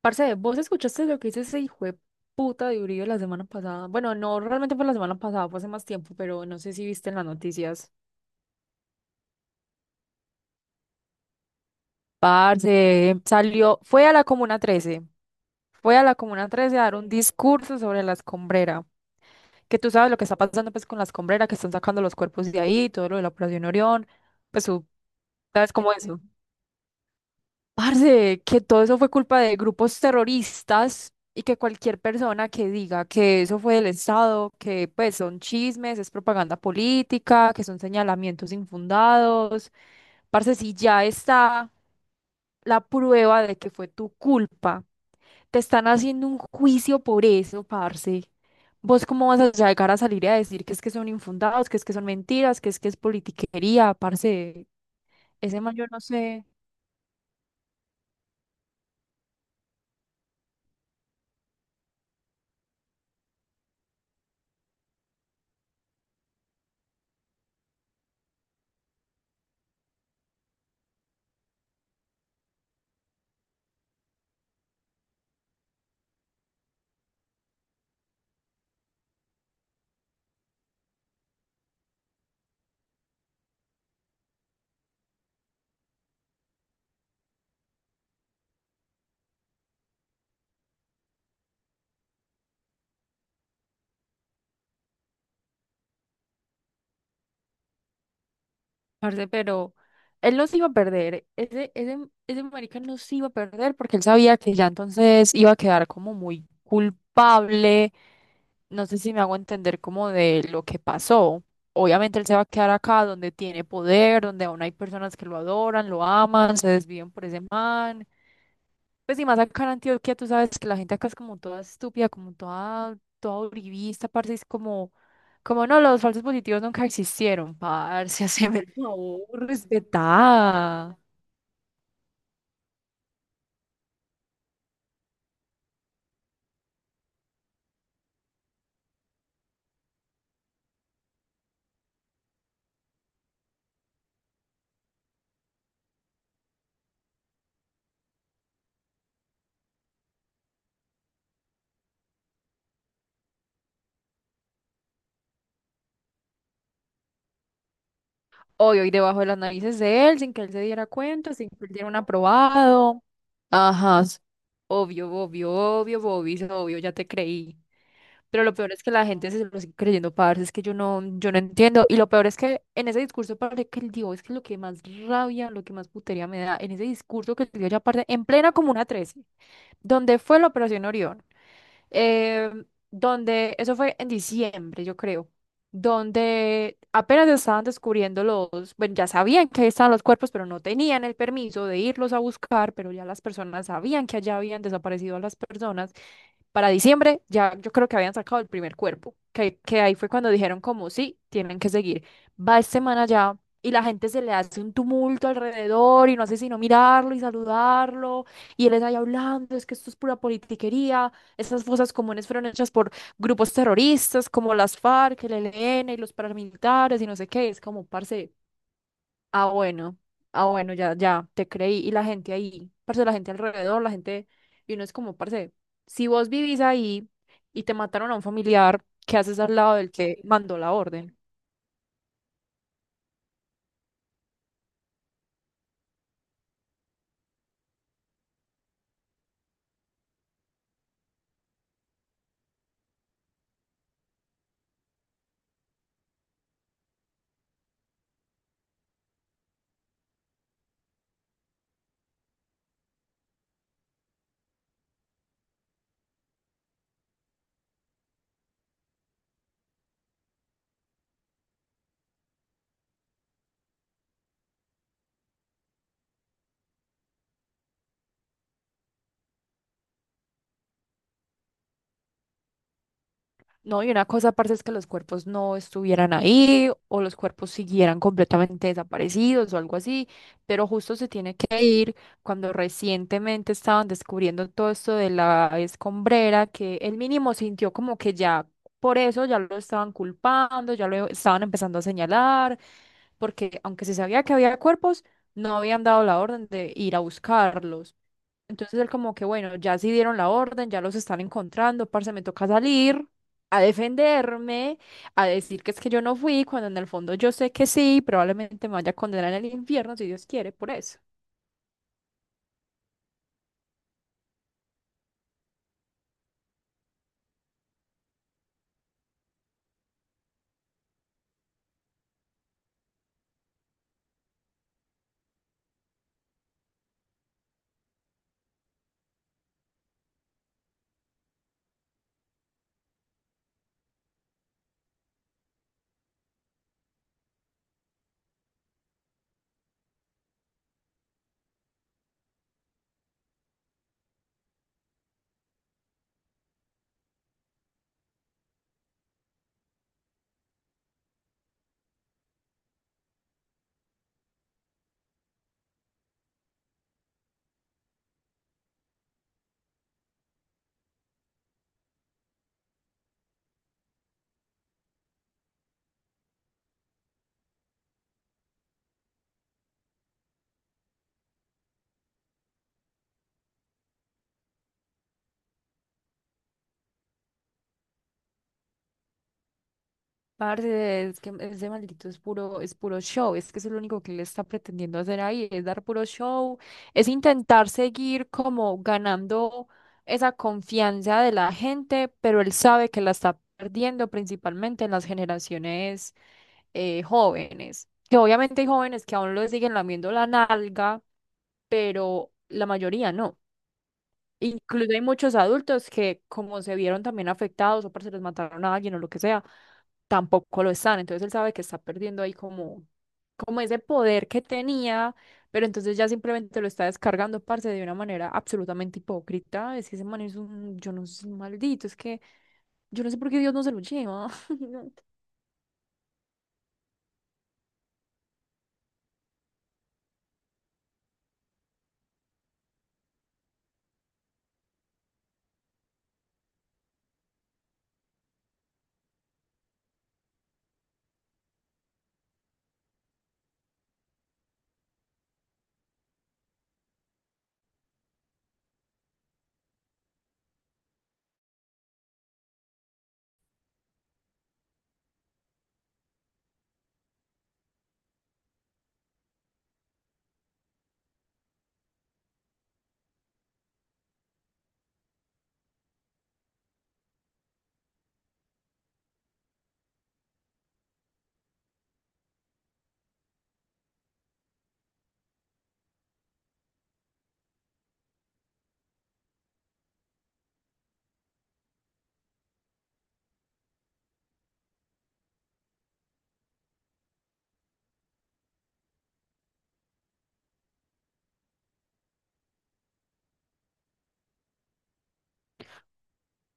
Parce, ¿vos escuchaste lo que dice ese hijo de puta de Uribe la semana pasada? Bueno, no, realmente fue la semana pasada, fue hace más tiempo, pero no sé si viste en las noticias. Parce, salió, fue a la Comuna 13, a dar un discurso sobre la escombrera, que tú sabes lo que está pasando pues con la escombrera, que están sacando los cuerpos de ahí, todo lo de la Operación Orión, pues tú sabes cómo es. Parce, que todo eso fue culpa de grupos terroristas y que cualquier persona que diga que eso fue del Estado, que pues son chismes, es propaganda política, que son señalamientos infundados. Parce, si ya está la prueba de que fue tu culpa, te están haciendo un juicio por eso, parce. ¿Vos cómo vas a llegar a salir a decir que es que son infundados, que es que son mentiras, que es politiquería, parce? Ese man, yo no sé. Parce, pero él los iba a perder. Ese marica los iba a perder porque él sabía que ya entonces iba a quedar como muy culpable. No sé si me hago entender como de lo que pasó. Obviamente él se va a quedar acá donde tiene poder, donde aún hay personas que lo adoran, lo aman, se desvían por ese man. Pues y más acá en Antioquia, tú sabes que la gente acá es como toda estúpida, como toda uribista, parce, es como, como no, los falsos positivos nunca existieron, parce, haceme el favor, respetá. Obvio, y debajo de las narices de él, sin que él se diera cuenta, sin que él diera un aprobado. Ajá, obvio, ya te creí. Pero lo peor es que la gente se lo sigue creyendo, parce, es que yo no entiendo. Y lo peor es que en ese discurso, parce, que el tío es que lo que más rabia, lo que más putería me da, en ese discurso que el tío ya parte, en plena Comuna 13, donde fue la Operación Orión, eh, donde, eso fue en diciembre, yo creo, donde apenas estaban descubriendo los, bueno, ya sabían que ahí estaban los cuerpos, pero no tenían el permiso de irlos a buscar, pero ya las personas sabían que allá habían desaparecido a las personas para diciembre ya yo creo que habían sacado el primer cuerpo, que ahí fue cuando dijeron como, sí, tienen que seguir. Va esta semana ya y la gente se le hace un tumulto alrededor y no hace sino mirarlo y saludarlo y él está ahí hablando, es que esto es pura politiquería, estas fosas comunes fueron hechas por grupos terroristas como las FARC, el ELN y los paramilitares y no sé qué, es como, parce, ah, bueno, bueno, ya, te creí. Y la gente ahí, parce, la gente alrededor, la gente, y uno es como, parce, si vos vivís ahí y te mataron a un familiar, ¿qué haces al lado del que mandó la orden? No, y una cosa, aparte es que los cuerpos no estuvieran ahí o los cuerpos siguieran completamente desaparecidos o algo así, pero justo se tiene que ir cuando recientemente estaban descubriendo todo esto de la escombrera, que él mínimo sintió como que ya por eso ya lo estaban culpando, ya lo estaban empezando a señalar, porque aunque se sabía que había cuerpos, no habían dado la orden de ir a buscarlos. Entonces él como que, bueno, ya sí dieron la orden, ya los están encontrando, parce, me toca salir a defenderme, a decir que es que yo no fui, cuando en el fondo yo sé que sí, probablemente me vaya a condenar en el infierno si Dios quiere, por eso. Parce, es que ese maldito es puro show, es que eso es lo único que él está pretendiendo hacer ahí, es dar puro show, es intentar seguir como ganando esa confianza de la gente, pero él sabe que la está perdiendo principalmente en las generaciones jóvenes, que obviamente hay jóvenes que aún lo siguen lamiendo la nalga, pero la mayoría no. Incluso hay muchos adultos que, como se vieron también afectados o porque se les mataron a alguien o lo que sea, tampoco lo están. Entonces él sabe que está perdiendo ahí como ese poder que tenía, pero entonces ya simplemente lo está descargando, parce, de una manera absolutamente hipócrita. Es que ese man es un, yo no sé, un maldito, es que yo no sé por qué Dios no se lo lleva.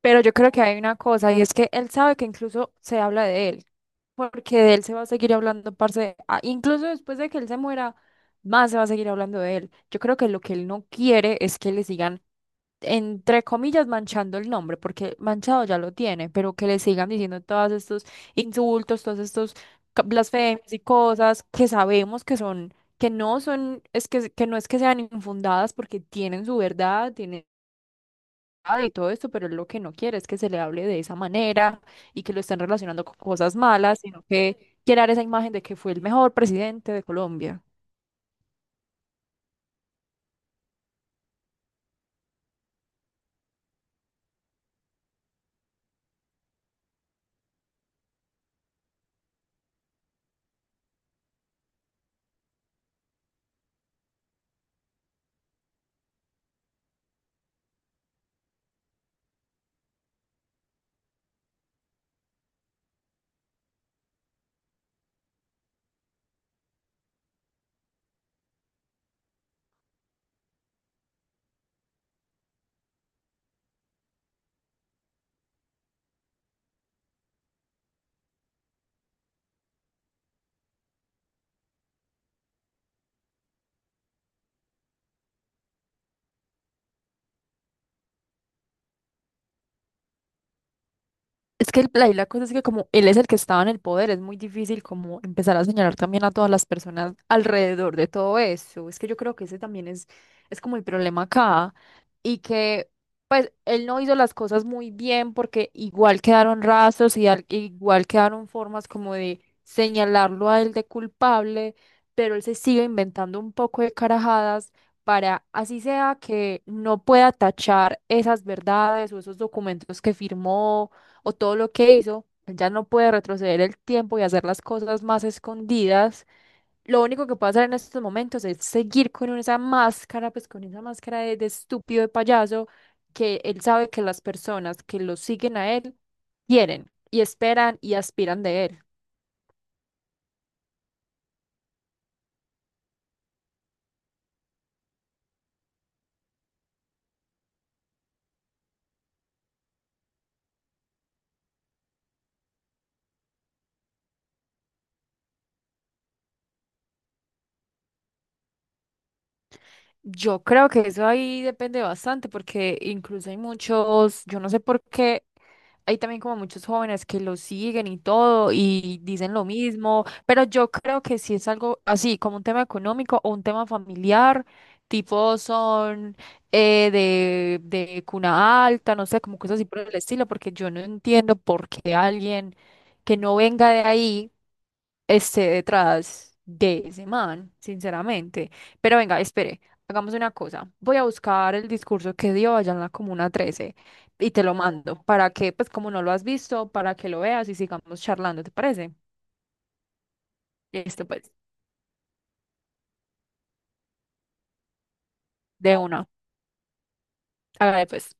Pero yo creo que hay una cosa y es que él sabe que incluso se habla de él, porque de él se va a seguir hablando, parce, incluso después de que él se muera, más se va a seguir hablando de él. Yo creo que lo que él no quiere es que le sigan, entre comillas, manchando el nombre, porque manchado ya lo tiene, pero que le sigan diciendo todos estos insultos, todos estos blasfemias y cosas que sabemos que son, que no son, que no es que sean infundadas porque tienen su verdad, ah, y todo esto, pero él lo que no quiere es que se le hable de esa manera y que lo estén relacionando con cosas malas, sino que quiere dar esa imagen de que fue el mejor presidente de Colombia. Es que y la cosa es que como él es el que estaba en el poder, es muy difícil como empezar a señalar también a todas las personas alrededor de todo eso. Es que yo creo que ese también es como el problema acá y que pues él no hizo las cosas muy bien porque igual quedaron rastros y igual quedaron formas como de señalarlo a él de culpable, pero él se sigue inventando un poco de carajadas para así sea que no pueda tachar esas verdades o esos documentos que firmó o todo lo que hizo, él ya no puede retroceder el tiempo y hacer las cosas más escondidas. Lo único que puede hacer en estos momentos es seguir con esa máscara, pues con esa máscara de estúpido, de payaso, que él sabe que las personas que lo siguen a él quieren y esperan y aspiran de él. Yo creo que eso ahí depende bastante, porque incluso hay muchos, yo no sé por qué, hay también como muchos jóvenes que lo siguen y todo y dicen lo mismo, pero yo creo que si es algo así, como un tema económico o un tema familiar, tipo son de cuna alta, no sé, como cosas así por el estilo, porque yo no entiendo por qué alguien que no venga de ahí esté detrás de ese man, sinceramente. Pero venga, espere. Hagamos una cosa, voy a buscar el discurso que dio allá en la Comuna 13 y te lo mando para que, pues como no lo has visto, para que lo veas y sigamos charlando, ¿te parece? Listo, pues, de una. Hágale pues.